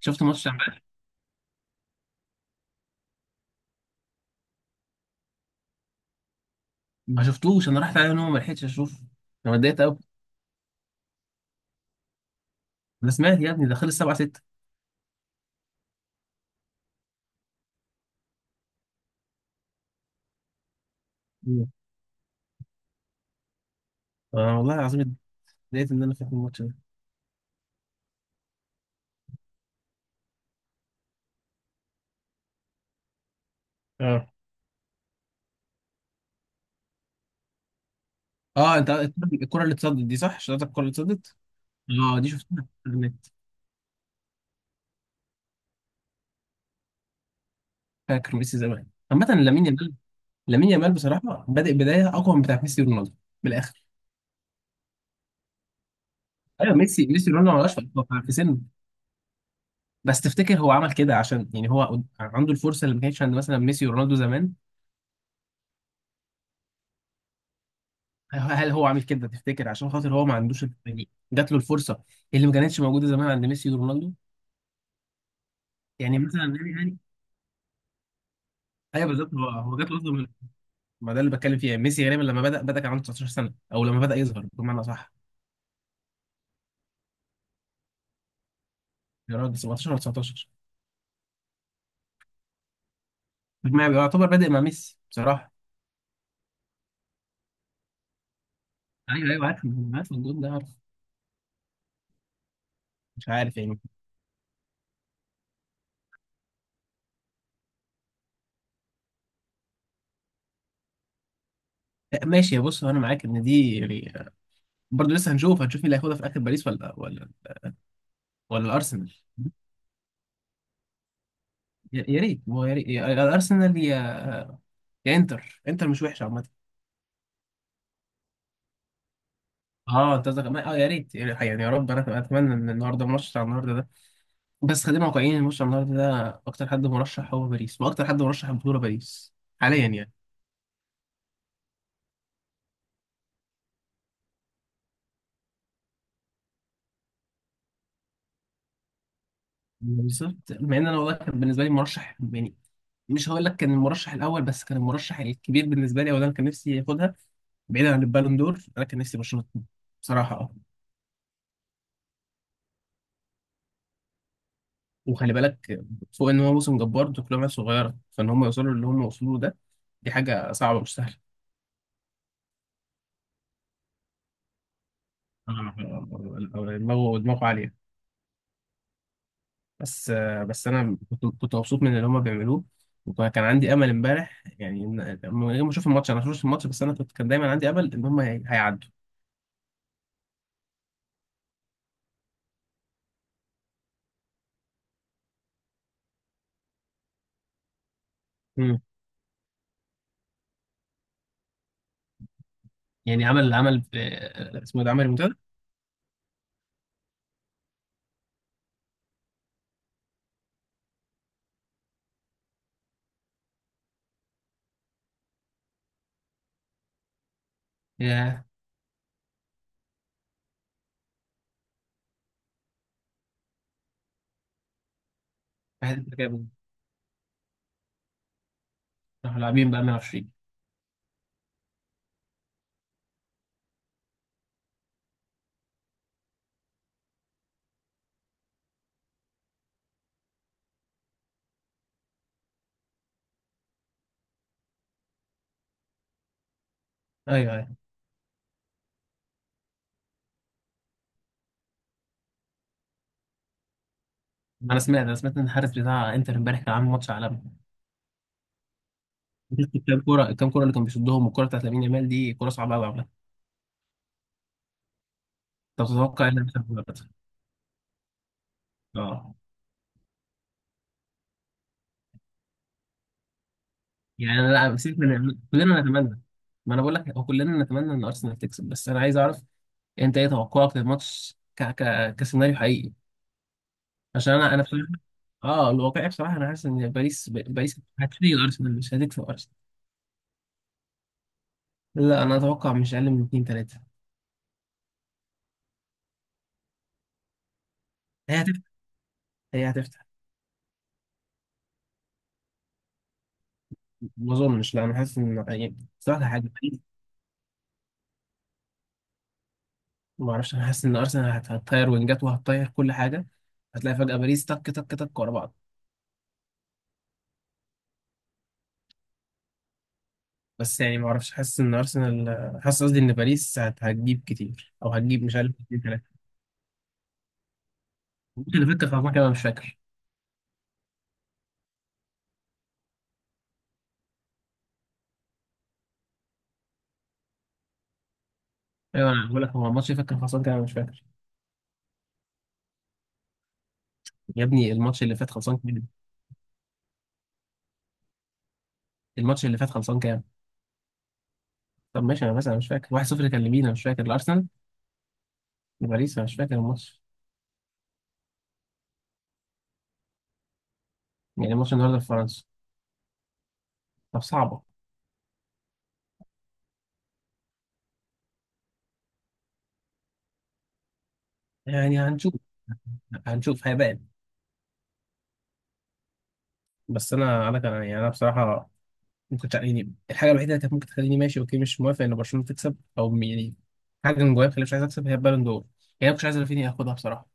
شفت ماتش امبارح. ما شفتوش، انا رحت عليه نوم ما لحقتش اشوف. انا اتضايقت قوي. انا سمعت يا ابني ده خلص 7-6. آه والله العظيم، اتضايقت ان انا فاتني الماتش ده. اه اه، انت الكرة اللي اتصدت دي، صح؟ شفتك الكرة اللي اتصدت؟ اه دي شفتها على النت. فاكر ميسي زمان. عامة لامين يامال، لامين يامال بصراحة بادئ بداية اقوى من بتاع ميسي ورونالدو بالاخر. ايوه ميسي، رونالدو ما لهاش في سنه. بس تفتكر هو عمل كده عشان يعني هو عنده الفرصة اللي ما كانتش عند مثلا ميسي ورونالدو زمان؟ هل هو عامل كده تفتكر عشان خاطر هو ما عندوش الفكرة دي، جات له الفرصه؟ إيه اللي ما كانتش موجوده زمان عند ميسي ورونالدو؟ يعني مثلا يعني. ايوه بالظبط، هو جات له اصغر من، ما ده اللي بتكلم فيه يعني. ميسي غالبا لما بدا كان عنده 19 سنه، او لما بدا يظهر بمعنى، صح؟ يا راجل، 17 ولا 19؟ ما يعتبر بادئ مع ميسي بصراحه. ايوه عارف، عارف الجول ده، عارف. مش عارف يعني. لا، ماشي بص انا معاك ان دي يعني برضه لسه. هنشوف، مين اللي هياخدها في اخر باريس ولا ولا الارسنال. يا، يا ريت هو يا ريت يا-، يا الارسنال يا يا انتر. انتر مش وحش عامه. اه انت قصدك ما-، اه يا ريت، يعني يا رب، انا اتمنى ان النهارده الماتش بتاع النهارده ده. بس خلينا واقعيين، الماتش بتاع النهارده ده اكتر حد مرشح هو باريس، واكتر حد مرشح البطوله باريس حاليا يعني. بالظبط، مع ان انا والله كان بالنسبه لي مرشح يعني، مش هقول لك كان المرشح الاول بس كان المرشح الكبير بالنسبه لي، او ده انا كان نفسي ياخدها بعيدا عن البالون دور. انا كان نفسي برشلونه تكون، بصراحه، اه. وخلي بالك، فوق ان هو موسم جبار، دول كلهم عيال صغيره، فان هم يوصلوا اللي هم وصلوه ده دي حاجه صعبه مش سهله. آه، دماغه عاليه. بس بس انا كنت مبسوط من اللي هما بيعملوه، وكان عندي امل امبارح يعني إن-، لما يوم ما اشوف الماتش انا ما شفتش الماتش، بس انا كنت كان دايما عندي امل ان هم هي- هيعدوا. مم. يعني عمل، اسمه إيه ده، عمل المنتدى. يا، واحد جابوا، راحوا لاعبين بقى 120. ايوه، انا سمعت ان الحارس بتاع انتر امبارح كان عامل ماتش عالمي. شفت الكام كوره، الكام كوره اللي كان بيصدهم؟ والكوره بتاعت لامين يامال دي كوره صعبه قوي عامه. طب تتوقع ايه اللي هيحصل في المباراة؟ اه، يعني انا لا، سيبك، من كلنا نتمنى. ما انا بقول لك هو كلنا نتمنى ان ارسنال تكسب، بس انا عايز اعرف انت ايه توقعك للماتش، ك... ك... كسيناريو حقيقي. عشان انا بصراحه، اه الواقعي بصراحه انا حاسس ان باريس ب- باريس هتفرق، ارسنال مش هتكسب ارسنال. لا انا اتوقع مش اقل من 2-3. هي هتفتح هي هتفتح. ما اظنش، لا انا حاسس ان يعني بصراحه حاجه باريس. ما اعرفش، انا حاسس ان ارسنال هت- هتطير، وينجات، وهتطير كل حاجه، هتلاقي فجاه باريس تك تك تك ورا بعض. بس يعني ما اعرفش، حاسس ان ارسنال، حاسس قصدي ان باريس هت- هتجيب كتير، او هتجيب مش عارف اتنين تلاته. الماتش اللي فات كان خلصان كده، انا مش فاكر. ايوه انا بقول لك هو الماتش اللي فات كان خلصان كده انا مش فاكر. يا ابني الماتش اللي فات خلصان كام؟ الماتش اللي فات خلصان كام؟ طب ماشي، انا بس انا مش فاكر 1-0 كان لمين، انا مش فاكر، الارسنال؟ لباريس، انا مش فاكر الماتش. يعني الماتش النهارده في فرنسا. طب صعبه. يعني هنشوف. هنشوف هيبان. بس انا كان يعني انا بصراحه ممكن تع-، يعني الحاجه الوحيده اللي كانت ممكن تخليني ماشي اوكي مش موافق ان برشلونه تكسب، او م- يعني حاجه من جوايا مخليني مش عايز اكسب، هي البالون دور. يعني انا مش عايز رافينيا ياخدها بصراحه.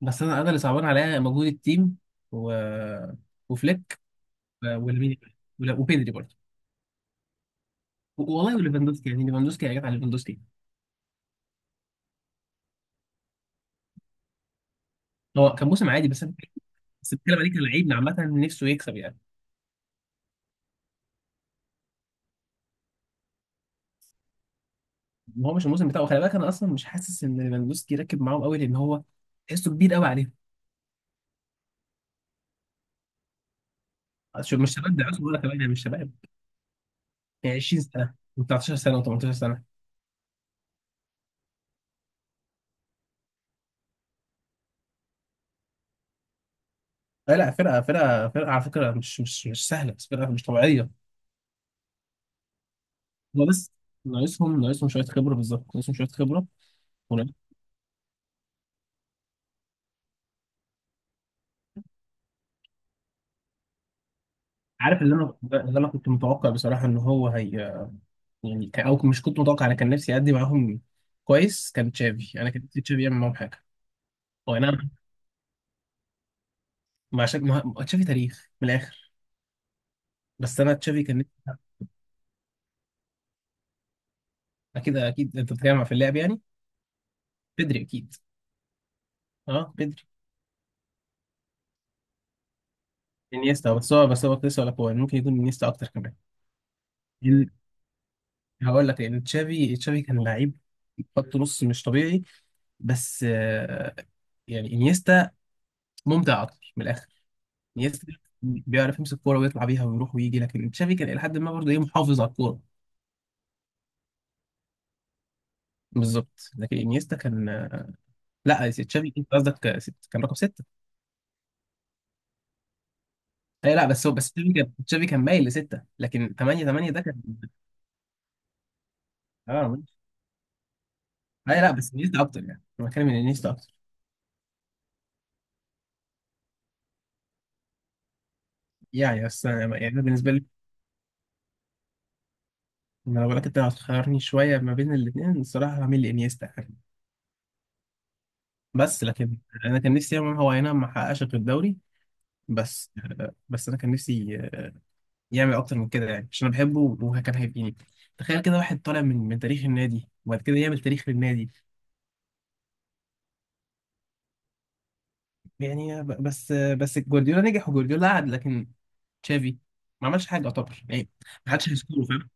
بس انا اللي صعبان عليا مجهود التيم، و... وفليك ولمين، وبيدري برضه، و- والله وليفاندوسكي، يعني ليفاندوسكي يا جدع ليفاندوسكي. هو كان موسم عادي بس انا، بس بتكلم عليه كلاعب عامه نفسه يكسب يعني. ما هو مش الموسم بتاعه، خلي بالك، انا اصلا مش حاسس ان ليفاندوسكي راكب معاهم قوي لان هو تحسه كبير قوي عليهم. شوف مش شباب ده، عايز اقول لك كمان يعني مش شباب. يعني 20 سنه و19 سنه و18 سنه. لا لا، فرقة، فرقة على فكرة مش مش سهلة، بس فرقة مش طبيعية. هو بس ناقصهم شوية خبرة، بالظبط ناقصهم شوية خبرة، وناقص-. عارف اللي أنا، اللي أنا كنت متوقع بصراحة إن هو هي يعني ك-، أو مش كنت متوقع، أنا كان نفسي أدي معاهم كويس، كان تشافي، أنا كان نفسي تشافي يعمل معاهم حاجة. هو أنا، ما عشان ما ما-، تشافي تاريخ من الآخر. بس أنا تشافي كان نفسي. أكيد أكيد، أنت بتتكلم في اللعب يعني. بدري أكيد. أه بدري. انيستا، بس هو بس هو كنت لسه، ولا هو ممكن يكون انيستا أكتر كمان. هقول لك، لان تشافي كان لعيب خط نص مش طبيعي. بس آه، يعني انيستا ممتع اكتر من الاخر. انيستا بيعرف يمسك كوره ويطلع بيها ويروح ويجي، لكن تشافي كان الى حد ما برضه ايه، محافظ على الكوره. بالظبط، لكن انيستا كان، لا يا سيد تشافي، انت قصدك ست، كان رقم سته. اي لا، بس هو بس تشافي كان تشافي كان مايل لسته، لكن 8 8 ده كان، اه ماشي. اي لا بس انيستا اكتر، يعني انا بتكلم ان انيستا اكتر يعني. بس أنا-، يعني أنا بالنسبه لي، ما انا بقولك انت لو هتخيرني شويه ما بين الاثنين، الصراحه هعمل لي انيستا يعني. بس لكن انا كان نفسي يعمل، هو اي نعم ما حققش غير الدوري. بس بس انا كان نفسي يعمل اكتر من كده يعني، عشان انا بحبه وكان هيبقيني، تخيل كده واحد طالع من تاريخ النادي وبعد كده يعمل تاريخ للنادي. يعني ب-، بس جوارديولا نجح وجوارديولا قعد، لكن تشافي ما عملش حاجه يعتبر يعني. ما حدش هيذكره، فاهم.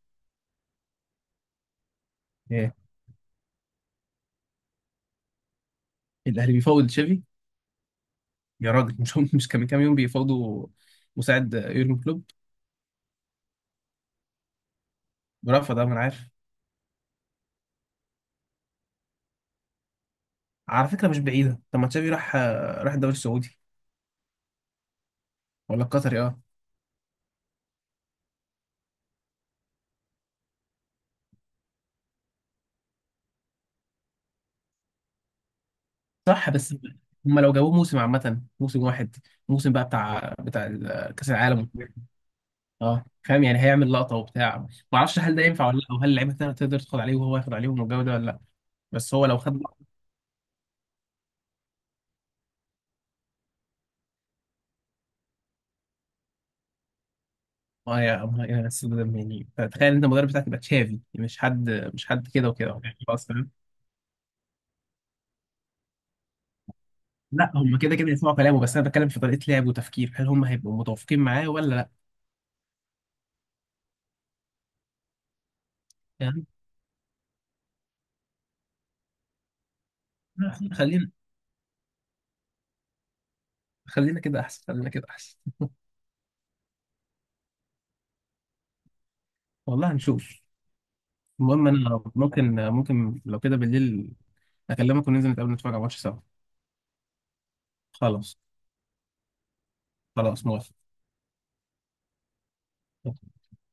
إيه، الاهلي بيفاوض تشافي؟ يا راجل، مش هم مش كان من كام يوم بيفاوضوا مساعد يورجن كلوب ورفض؟ ده ما انا عارف. على فكرة مش بعيدة، طب ما تشافي راح، راح الدوري السعودي ولا القطري؟ اه صح. بس هم لو جابوه موسم، عامة موسم واحد، موسم بقى بتاع بتاع ال- كأس العالم، اه فاهم يعني هيعمل لقطة وبتاع. ما اعرفش هل ده ينفع ولا لا، او هل اللعيبة التانية تقدر تاخد عليه وهو ياخد عليهم والجو ده ولا لا. بس هو لو خد لقطة. آه يا، آه يا أستاذ، ده يعني تخيل انت المدرب بتاعك يبقى تشافي، مش حد، مش حد كده وكده يعني، خلاص فاهم. لا هم كده كده يسمعوا كلامه، بس انا بتكلم في طريقة لعب وتفكير، هل هم هيبقوا متوافقين معاه ولا لا؟ يعني خلينا خلينا كده احسن، خلينا كده احسن. والله هنشوف. المهم انا ممكن، لو كده بالليل اكلمك، وننزل نتقابل نتفرج على ماتش سوا. خلاص. خلاص موافق.